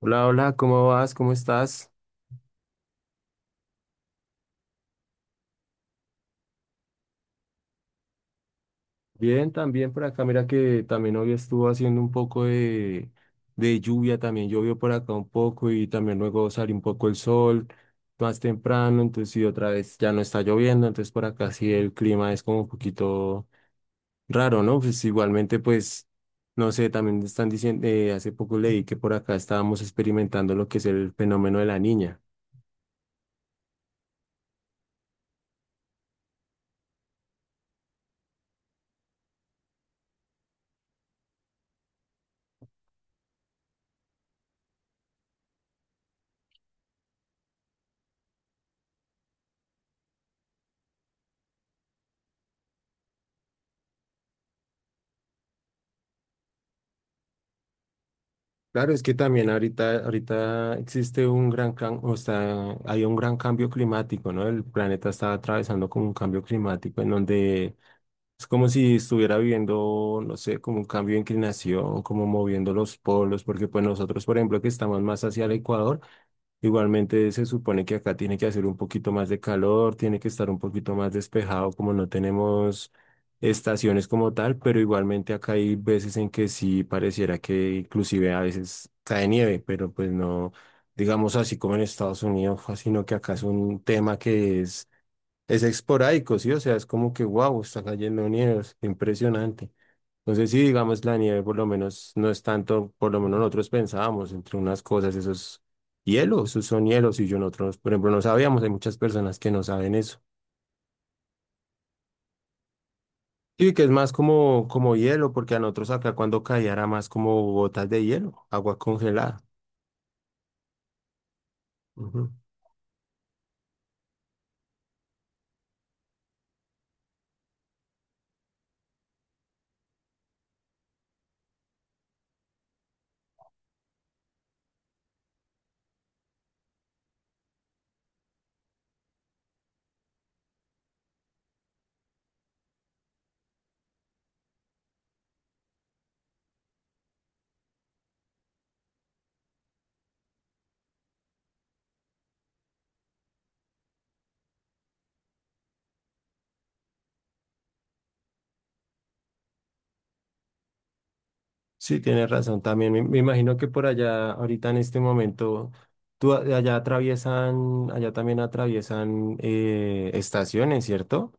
Hola, hola, ¿cómo vas? ¿Cómo estás? Bien, también por acá. Mira que también hoy estuvo haciendo un poco de lluvia, también llovió por acá un poco y también luego salió un poco el sol más temprano, entonces y otra vez ya no está lloviendo, entonces por acá sí el clima es como un poquito raro, ¿no? Pues igualmente pues, no sé, también están diciendo, hace poco leí que por acá estábamos experimentando lo que es el fenómeno de la niña. Claro, es que también ahorita existe un o sea, hay un gran cambio climático, ¿no? El planeta está atravesando como un cambio climático en donde es como si estuviera viviendo, no sé, como un cambio de inclinación, como moviendo los polos, porque pues nosotros, por ejemplo, que estamos más hacia el Ecuador, igualmente se supone que acá tiene que hacer un poquito más de calor, tiene que estar un poquito más despejado, como no tenemos estaciones como tal, pero igualmente acá hay veces en que sí pareciera que inclusive a veces cae nieve, pero pues no, digamos así como en Estados Unidos, fue, sino que acá es un tema que es esporádico, ¿sí? O sea, es como que, wow, está cayendo nieve, es impresionante. Entonces, sí, digamos, la nieve por lo menos no es tanto, por lo menos nosotros pensábamos entre unas cosas, esos hielos, esos son hielos y yo nosotros, por ejemplo, no sabíamos, hay muchas personas que no saben eso. Sí, que es más como hielo, porque a nosotros acá cuando caía era más como gotas de hielo, agua congelada. Ujú. Sí, tienes razón también. Me imagino que por allá, ahorita en este momento, tú, allá atraviesan, allá también atraviesan estaciones, ¿cierto?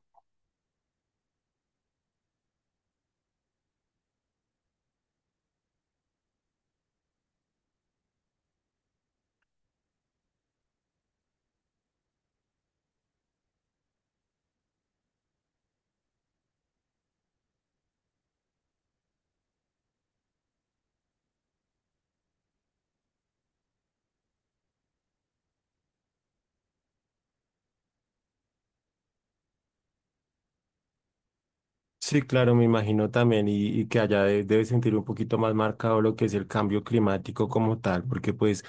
Sí, claro, me imagino también, y que allá debe sentir un poquito más marcado lo que es el cambio climático como tal, porque pues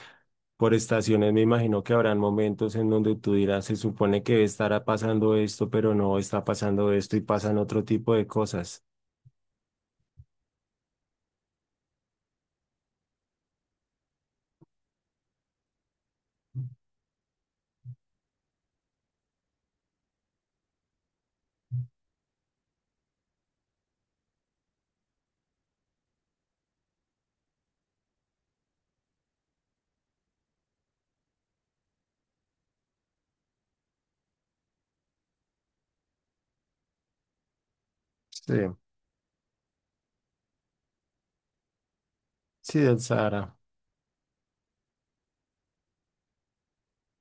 por estaciones me imagino que habrán momentos en donde tú dirás, se supone que estará pasando esto, pero no está pasando esto y pasan otro tipo de cosas. Sí. Sí, del Sahara.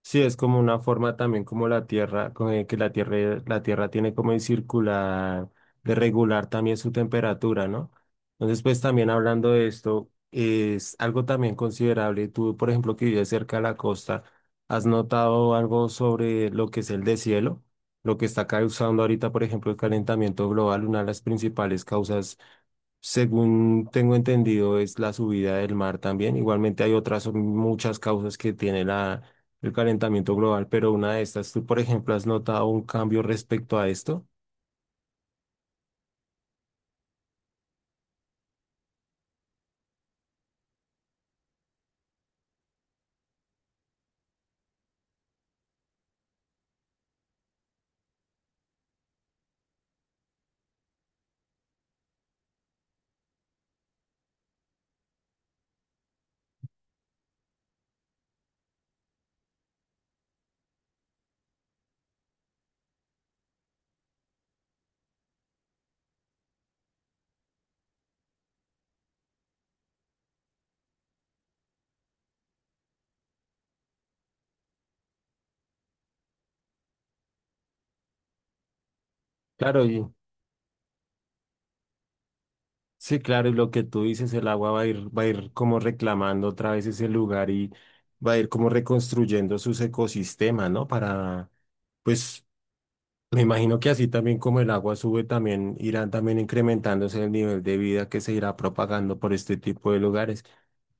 Sí, es como una forma también como la Tierra, con el que la Tierra tiene como de circular, de regular también su temperatura, ¿no? Entonces, pues también hablando de esto, es algo también considerable. Tú, por ejemplo, que vives cerca de la costa, ¿has notado algo sobre lo que es el deshielo? Lo que está causando ahorita, por ejemplo, el calentamiento global, una de las principales causas según tengo entendido, es la subida del mar también. Igualmente hay otras muchas causas que tiene el calentamiento global, pero una de estas, ¿tú, por ejemplo, has notado un cambio respecto a esto? Claro, y sí, claro, y lo que tú dices, el agua va a ir como reclamando otra vez ese lugar y va a ir como reconstruyendo sus ecosistemas, ¿no? Para, pues, me imagino que así también como el agua sube, también irán también incrementándose el nivel de vida que se irá propagando por este tipo de lugares.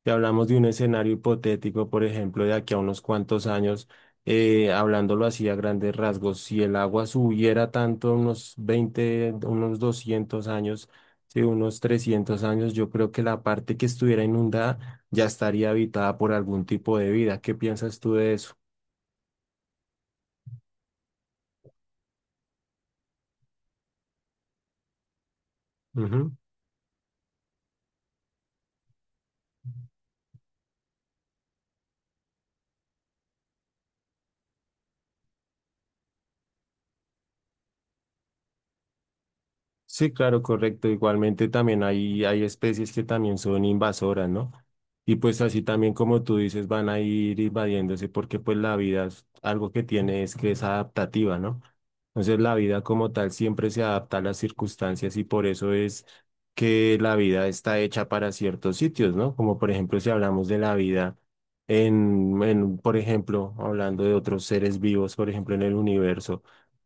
Si hablamos de un escenario hipotético, por ejemplo, de aquí a unos cuantos años, hablándolo así a grandes rasgos, si el agua subiera tanto, unos 20, unos 200 años, sí, unos 300 años, yo creo que la parte que estuviera inundada ya estaría habitada por algún tipo de vida. ¿Qué piensas tú de eso? Ujú. Sí, claro, correcto. Igualmente también hay especies que también son invasoras, ¿no? Y pues así también como tú dices, van a ir invadiéndose porque pues la algo que tiene es que es adaptativa, ¿no? Entonces la vida como tal siempre se adapta a las circunstancias y por eso es que la vida está hecha para ciertos sitios, ¿no? Como por ejemplo si hablamos de la vida por ejemplo, hablando de otros seres vivos, por ejemplo, en el universo.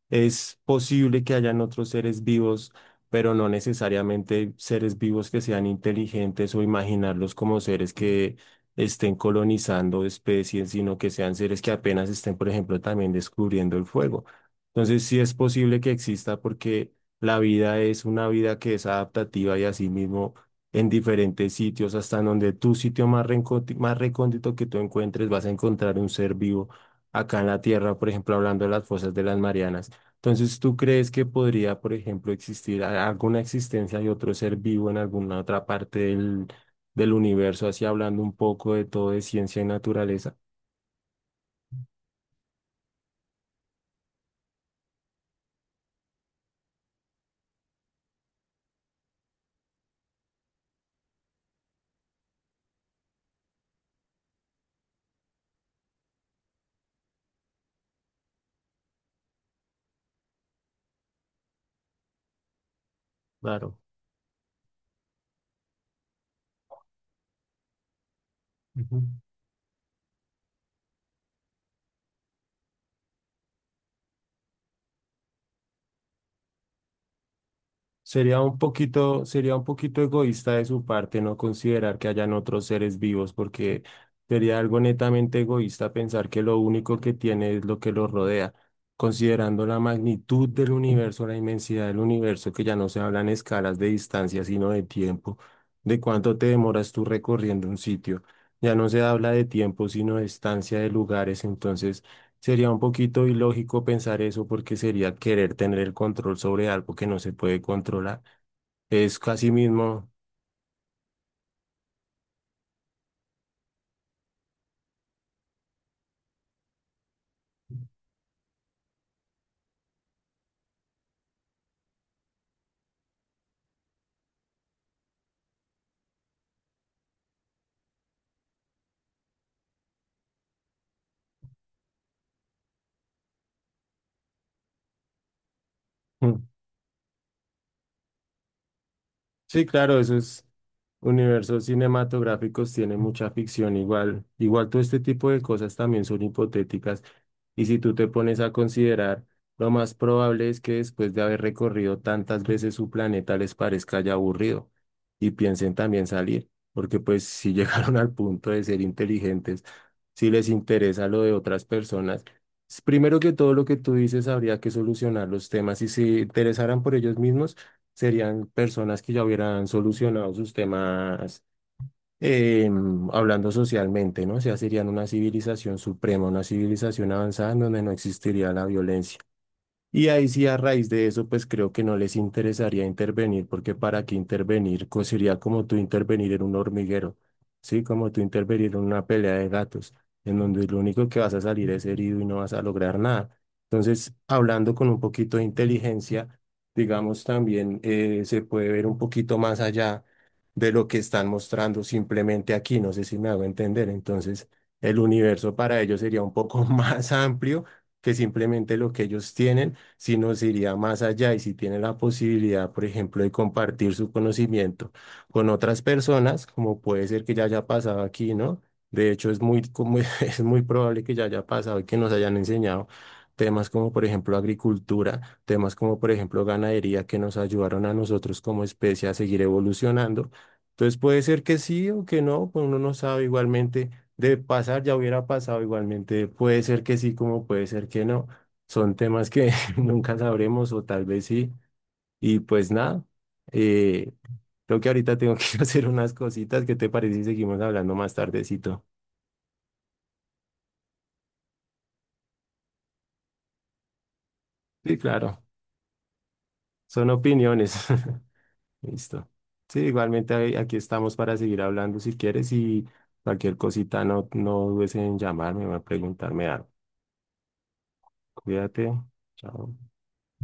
Es posible que hayan otros seres vivos, pero no necesariamente seres vivos que sean inteligentes o imaginarlos como seres que estén colonizando especies, sino que sean seres que apenas estén, por ejemplo, también descubriendo el fuego. Entonces, sí es posible que exista porque la vida es una vida que es adaptativa y asimismo en diferentes sitios, hasta en donde tu sitio más más recóndito que tú encuentres, vas a encontrar un ser vivo. Acá en la Tierra, por ejemplo, hablando de las fosas de las Marianas. Entonces, ¿tú crees que podría, por ejemplo, alguna existencia de otro ser vivo en alguna otra parte del universo, así hablando un poco de todo de ciencia y naturaleza? Claro. Sería un poquito egoísta de su parte no considerar que hayan otros seres vivos, porque sería algo netamente egoísta pensar que lo único que tiene es lo que lo rodea, considerando la magnitud del universo, la inmensidad del universo, que ya no se hablan escalas de distancia, sino de tiempo, de cuánto te demoras tú recorriendo un sitio. Ya no se habla de tiempo, sino de distancia de lugares, entonces sería un poquito ilógico pensar eso porque sería querer tener el control sobre algo que no se puede controlar. Es casi mismo. Mm. Sí, claro, esos universos cinematográficos tienen mucha ficción igual. Igual todo este tipo de cosas también son hipotéticas. Y si tú te pones a considerar, lo más probable es que después de haber recorrido tantas veces su planeta les parezca ya aburrido y piensen también salir, porque pues si llegaron al punto de ser inteligentes, si les interesa lo de otras personas, primero que todo lo que tú dices habría que solucionar los temas y si interesaran por ellos mismos, serían personas que ya hubieran solucionado sus temas eh, hablando socialmente, ¿no? O sea, serían una civilización suprema, una civilización avanzada en donde no existiría la violencia. Y ahí sí, a raíz de eso, pues creo que no les interesaría intervenir, porque para qué intervenir, sería como tú intervenir en un hormiguero, ¿sí? Como tú intervenir en una pelea de gatos, en donde lo único que vas a salir es herido y no vas a lograr nada. Entonces, hablando con un poquito de inteligencia, digamos, también se puede ver un poquito más allá de lo que están mostrando simplemente aquí, no sé si me hago entender. Entonces, el universo para ellos sería un poco más amplio que simplemente lo que ellos tienen si nos iría más allá y si tiene la posibilidad, por ejemplo, de compartir su conocimiento con otras personas, como puede ser que ya haya pasado aquí, ¿no? De hecho, es muy, como, es muy probable que ya haya pasado y que nos hayan enseñado temas como, por ejemplo, agricultura, temas como, por ejemplo, ganadería, que nos ayudaron a nosotros como especie a seguir evolucionando. Entonces puede ser que sí o que no, pues uno no sabe igualmente de pasar, ya hubiera pasado igualmente, puede ser que sí como puede ser que no. Son temas que nunca sabremos, o tal vez sí. Y pues nada, eh, creo que ahorita tengo que ir a hacer unas cositas. ¿Qué te parece si seguimos hablando más tardecito? Sí, claro, son opiniones. Listo. Sí, igualmente aquí estamos para seguir hablando si quieres y cualquier cosita no dudes en llamarme o en preguntarme algo. Cuídate. Chao.